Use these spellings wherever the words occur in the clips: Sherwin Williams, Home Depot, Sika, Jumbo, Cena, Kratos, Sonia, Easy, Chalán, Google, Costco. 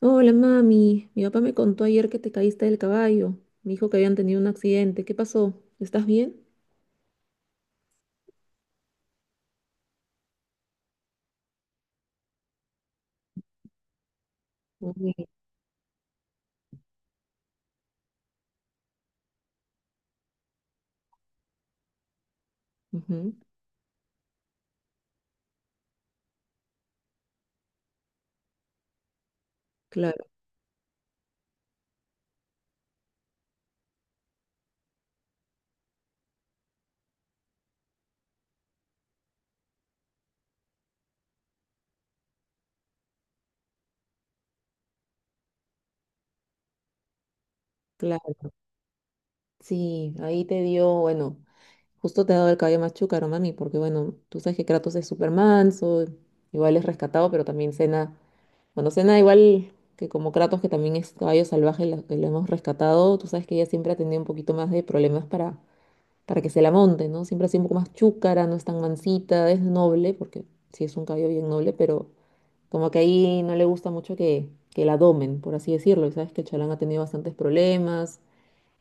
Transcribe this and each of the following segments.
Hola, mami. Mi papá me contó ayer que te caíste del caballo. Me dijo que habían tenido un accidente. ¿Qué pasó? ¿Estás bien? Uy, ujú, claro, claro. Sí, ahí te dio, bueno, justo te ha dado el caballo más chúcaro, mami, porque bueno, tú sabes que Kratos es súper manso, igual es rescatado, pero también Cena, bueno, Cena igual que como Kratos, que también es caballo salvaje, que lo hemos rescatado, tú sabes que ella siempre ha tenido un poquito más de problemas para que se la monte, ¿no? Siempre ha un poco más chúcara, no es tan mansita, es noble, porque sí es un caballo bien noble, pero como que ahí no le gusta mucho que la domen, por así decirlo. Y sabes que el Chalán ha tenido bastantes problemas,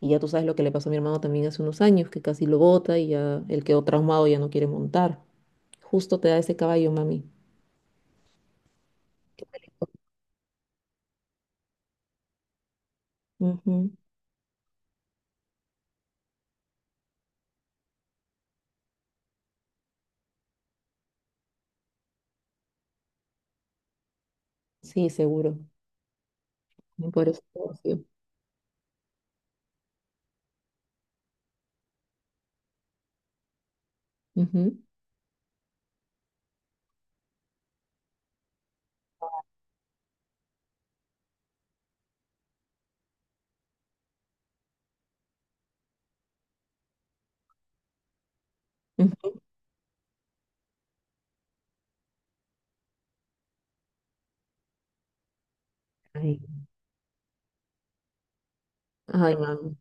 y ya tú sabes lo que le pasó a mi hermano también hace unos años, que casi lo bota y ya él quedó traumado, ya no quiere montar. Justo te da ese caballo, mami. Ujú. Sí, seguro. Por eso. Ujú. Ujú. Ay, ay, mami.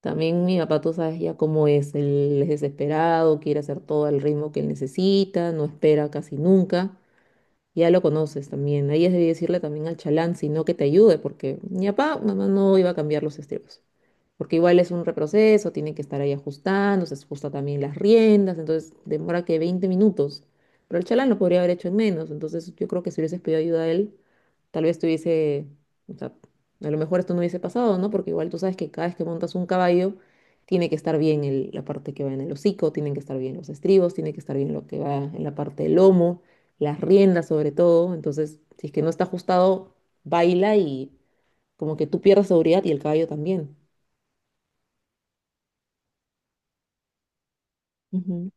También mi papá, tú sabes ya cómo es, él es desesperado, quiere hacer todo al ritmo que él necesita, no espera casi nunca. Ya lo conoces también. Ahí es de decirle también al chalán, sino que te ayude, porque mi papá, mamá no iba a cambiar los estribos. Porque igual es un reproceso, tiene que estar ahí ajustando, se ajusta también las riendas, entonces demora que 20 minutos. Pero el chalán lo podría haber hecho en menos, entonces yo creo que si hubieses pedido ayuda a él, tal vez tuviese, o sea, a lo mejor esto no hubiese pasado, ¿no? Porque igual tú sabes que cada vez que montas un caballo, tiene que estar bien la parte que va en el hocico, tienen que estar bien los estribos, tiene que estar bien lo que va en la parte del lomo, las riendas sobre todo. Entonces, si es que no está ajustado, baila y como que tú pierdes seguridad y el caballo también. Ujú.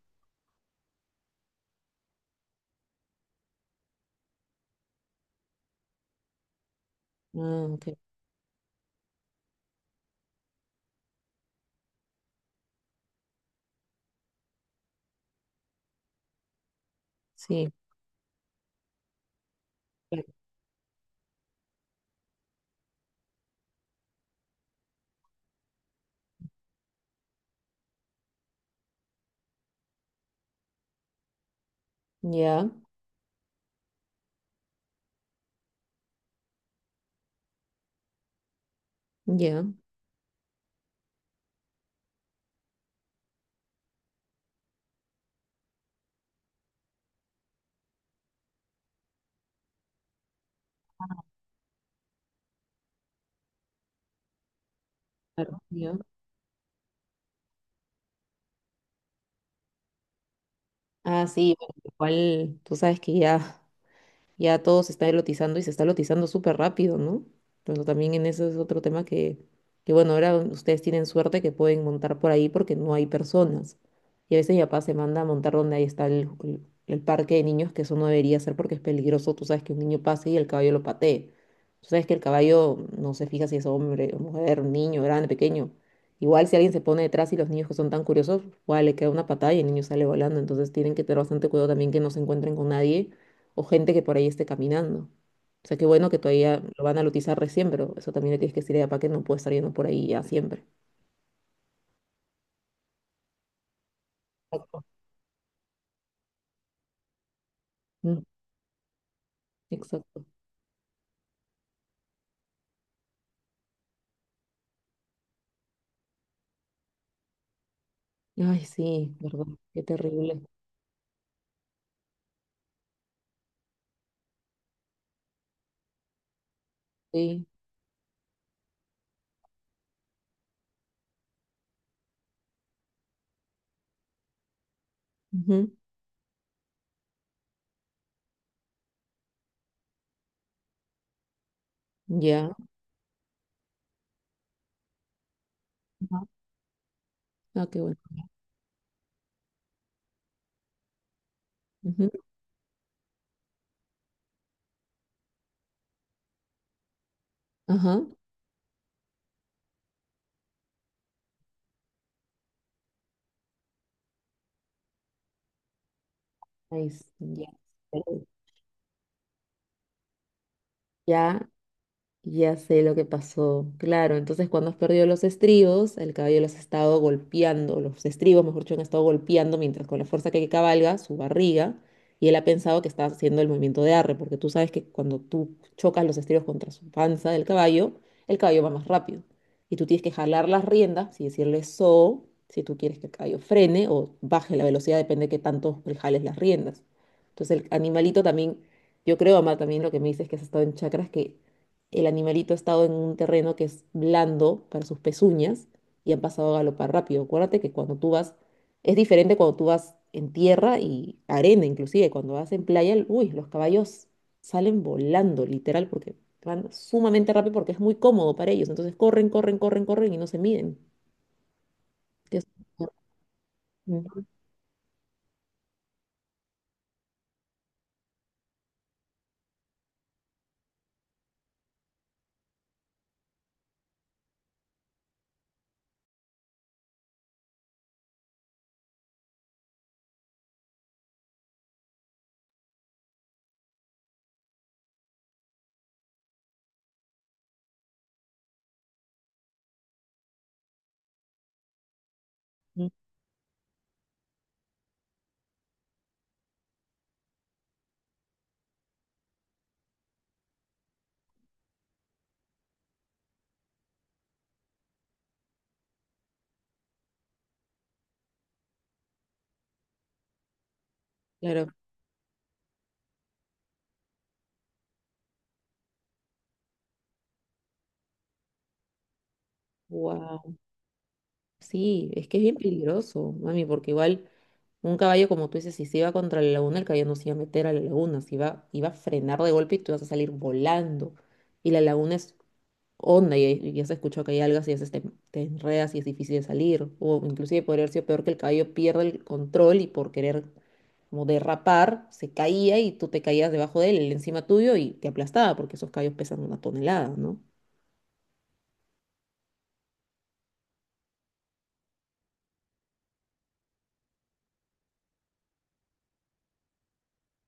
Ah, ok. Sí. Claro. Ya, ya, claro, ya. Ah, sí, bueno, igual tú sabes que ya. Ya todo se está elotizando y se está elotizando súper rápido, ¿no? Entonces también en eso es otro tema que bueno, ahora ustedes tienen suerte que pueden montar por ahí porque no hay personas. Y a veces mi papá se manda a montar donde ahí está el parque de niños, que eso no debería ser porque es peligroso. Tú sabes que un niño pase y el caballo lo patee. Tú sabes que el caballo no se fija si es hombre, o mujer, niño, grande, pequeño. Igual si alguien se pone detrás y los niños que son tan curiosos, igual le queda una patada y el niño sale volando. Entonces tienen que tener bastante cuidado también que no se encuentren con nadie o gente que por ahí esté caminando. O sea, qué bueno que todavía lo van a utilizar recién, pero eso también le tienes que decir a papá que no puede estar yendo por ahí ya siempre. Exacto. Mm, exacto. Ay, sí, verdad, qué terrible. Sí. Ujú. Ya. Ajá. Ah, qué bueno. Ujú. Ajá. Ay, sí, ya. Ya. Ya sé lo que pasó. Claro, entonces cuando has perdido los estribos, el caballo los ha estado golpeando, los estribos, mejor dicho, han estado golpeando mientras con la fuerza que cabalga su barriga, y él ha pensado que está haciendo el movimiento de arre, porque tú sabes que cuando tú chocas los estribos contra su panza del caballo, el caballo va más rápido. Y tú tienes que jalar las riendas y decirle so, si tú quieres que el caballo frene o baje la velocidad, depende de qué tanto le jales las riendas. Entonces el animalito también, yo creo, Amar, también lo que me dices es que has estado en chakras que el animalito ha estado en un terreno que es blando para sus pezuñas y han pasado a galopar rápido. Acuérdate que cuando tú vas, es diferente cuando tú vas en tierra y arena, inclusive cuando vas en playa, los caballos salen volando, literal, porque van sumamente rápido porque es muy cómodo para ellos. Entonces corren, corren, corren, corren y no se miden. Que es- Ujú, ujú, claro. Wow. Sí, es que es bien peligroso, mami, porque igual. Un caballo, como tú dices, si se iba contra la laguna, el caballo no se iba a meter a la laguna, se iba, iba a frenar de golpe y tú vas a salir volando. Y la laguna es honda y ya se escuchó que hay algas y ya se te enredas y es difícil de salir. O inclusive podría haber sido peor que el caballo pierda el control y por querer como derrapar, se caía y tú te caías debajo de él, él encima tuyo y te aplastaba porque esos caballos pesan una tonelada, ¿no?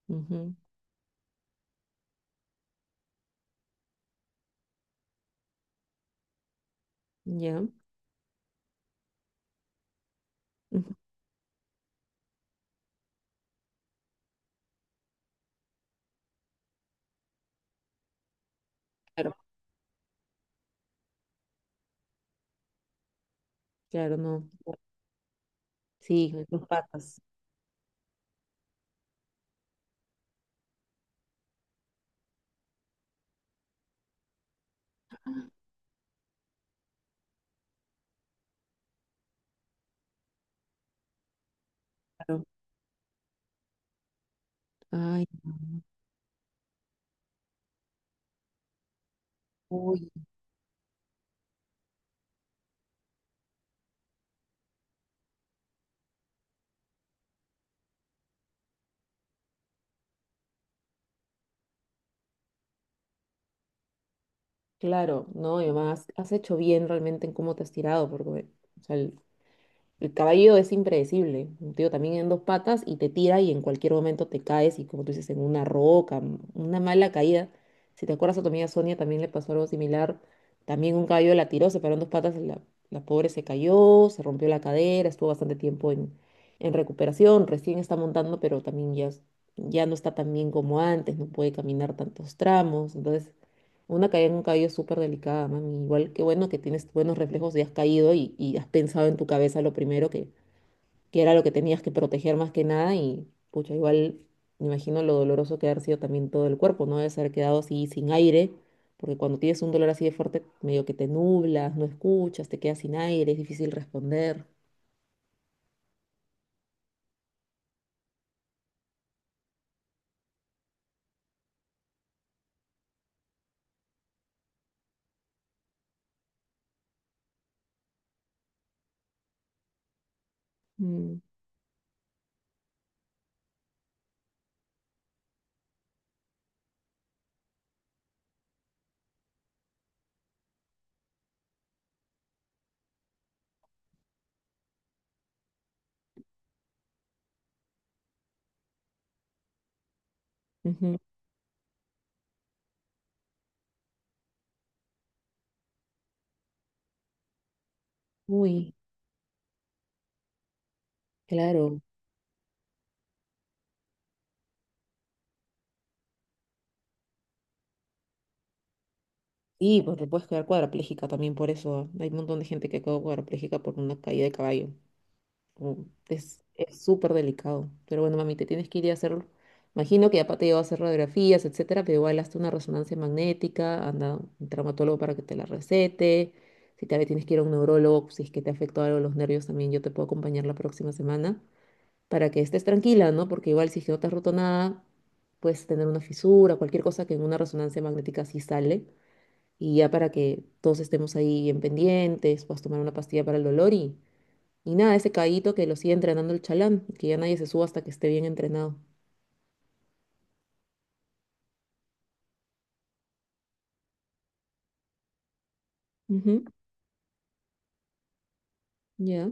Ujú. Ya. Ujú, claro, claro, no. Sí, con tus patas. Claro. Ay, no. Uy, claro, no, y además has hecho bien realmente en cómo te has tirado, porque o sea, el caballo es impredecible, un tío, también en dos patas y te tira y en cualquier momento te caes y como tú dices, en una roca, m- una mala caída. Si te acuerdas a tu amiga Sonia también le pasó algo similar, también un caballo la tiró, se paró en dos patas, la pobre se cayó, se rompió la cadera, estuvo bastante tiempo en recuperación, recién está montando, pero también ya, es- ya no está tan bien como antes, no puede caminar tantos tramos, entonces... Una caída en un cabello es súper delicada, mami. Igual que bueno que tienes buenos reflejos y has caído y has pensado en tu cabeza lo primero que era lo que tenías que proteger más que nada. Y pucha, igual me imagino lo doloroso que ha de haber sido también todo el cuerpo, ¿no? Debes haber quedado así sin aire, porque cuando tienes un dolor así de fuerte, medio que te nublas, no escuchas, te quedas sin aire, es difícil responder. Mm, ujú. Uy, claro. Y pues te puedes quedar cuadraplégica también por eso. Hay un montón de gente que quedó cuadraplégica por una caída de caballo. Mm. Es súper delicado. Pero bueno, mami, te tienes que ir a hacerlo. Imagino que ya te lleva a hacer radiografías, etcétera, pero igual hazte una resonancia magnética, anda a un traumatólogo para que te la recete. Si tal vez tienes que ir a un neurólogo, si es que te afectó algo los nervios también, yo te puedo acompañar la próxima semana para que estés tranquila, ¿no? Porque igual si es que no te has roto nada, puedes tener una fisura, cualquier cosa que en una resonancia magnética sí sale. Y ya para que todos estemos ahí en pendientes, puedas tomar una pastilla para el dolor y nada, ese caballito que lo sigue entrenando el chalán, que ya nadie se suba hasta que esté bien entrenado. Ujú, ya.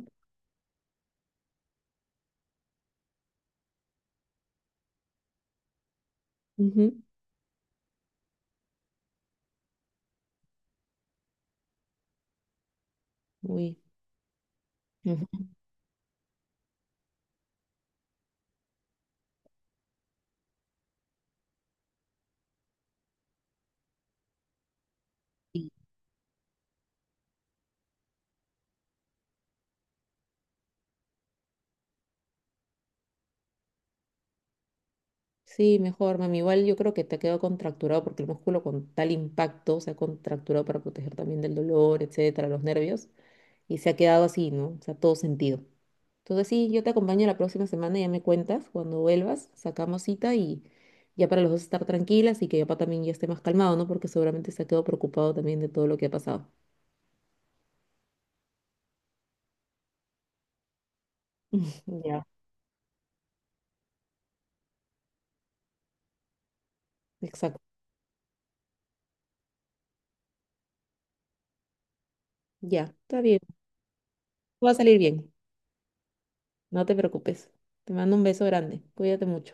Ujú. Uy. Ujú. Sí, sí, mejor, mami. Igual yo creo que te ha quedado contracturado porque el músculo con tal impacto se ha contracturado para proteger también del dolor, etcétera, los nervios. Y se ha quedado así, ¿no? O sea, todo sentido. Entonces sí, yo te acompaño la próxima semana, ya me cuentas. Cuando vuelvas, sacamos cita y ya para los dos estar tranquilas y que papá también ya esté más calmado, ¿no? Porque seguramente se ha quedado preocupado también de todo lo que ha pasado. Ya. Exacto. Ya, está bien. Va a salir bien. No te preocupes. Te mando un beso grande. Cuídate mucho.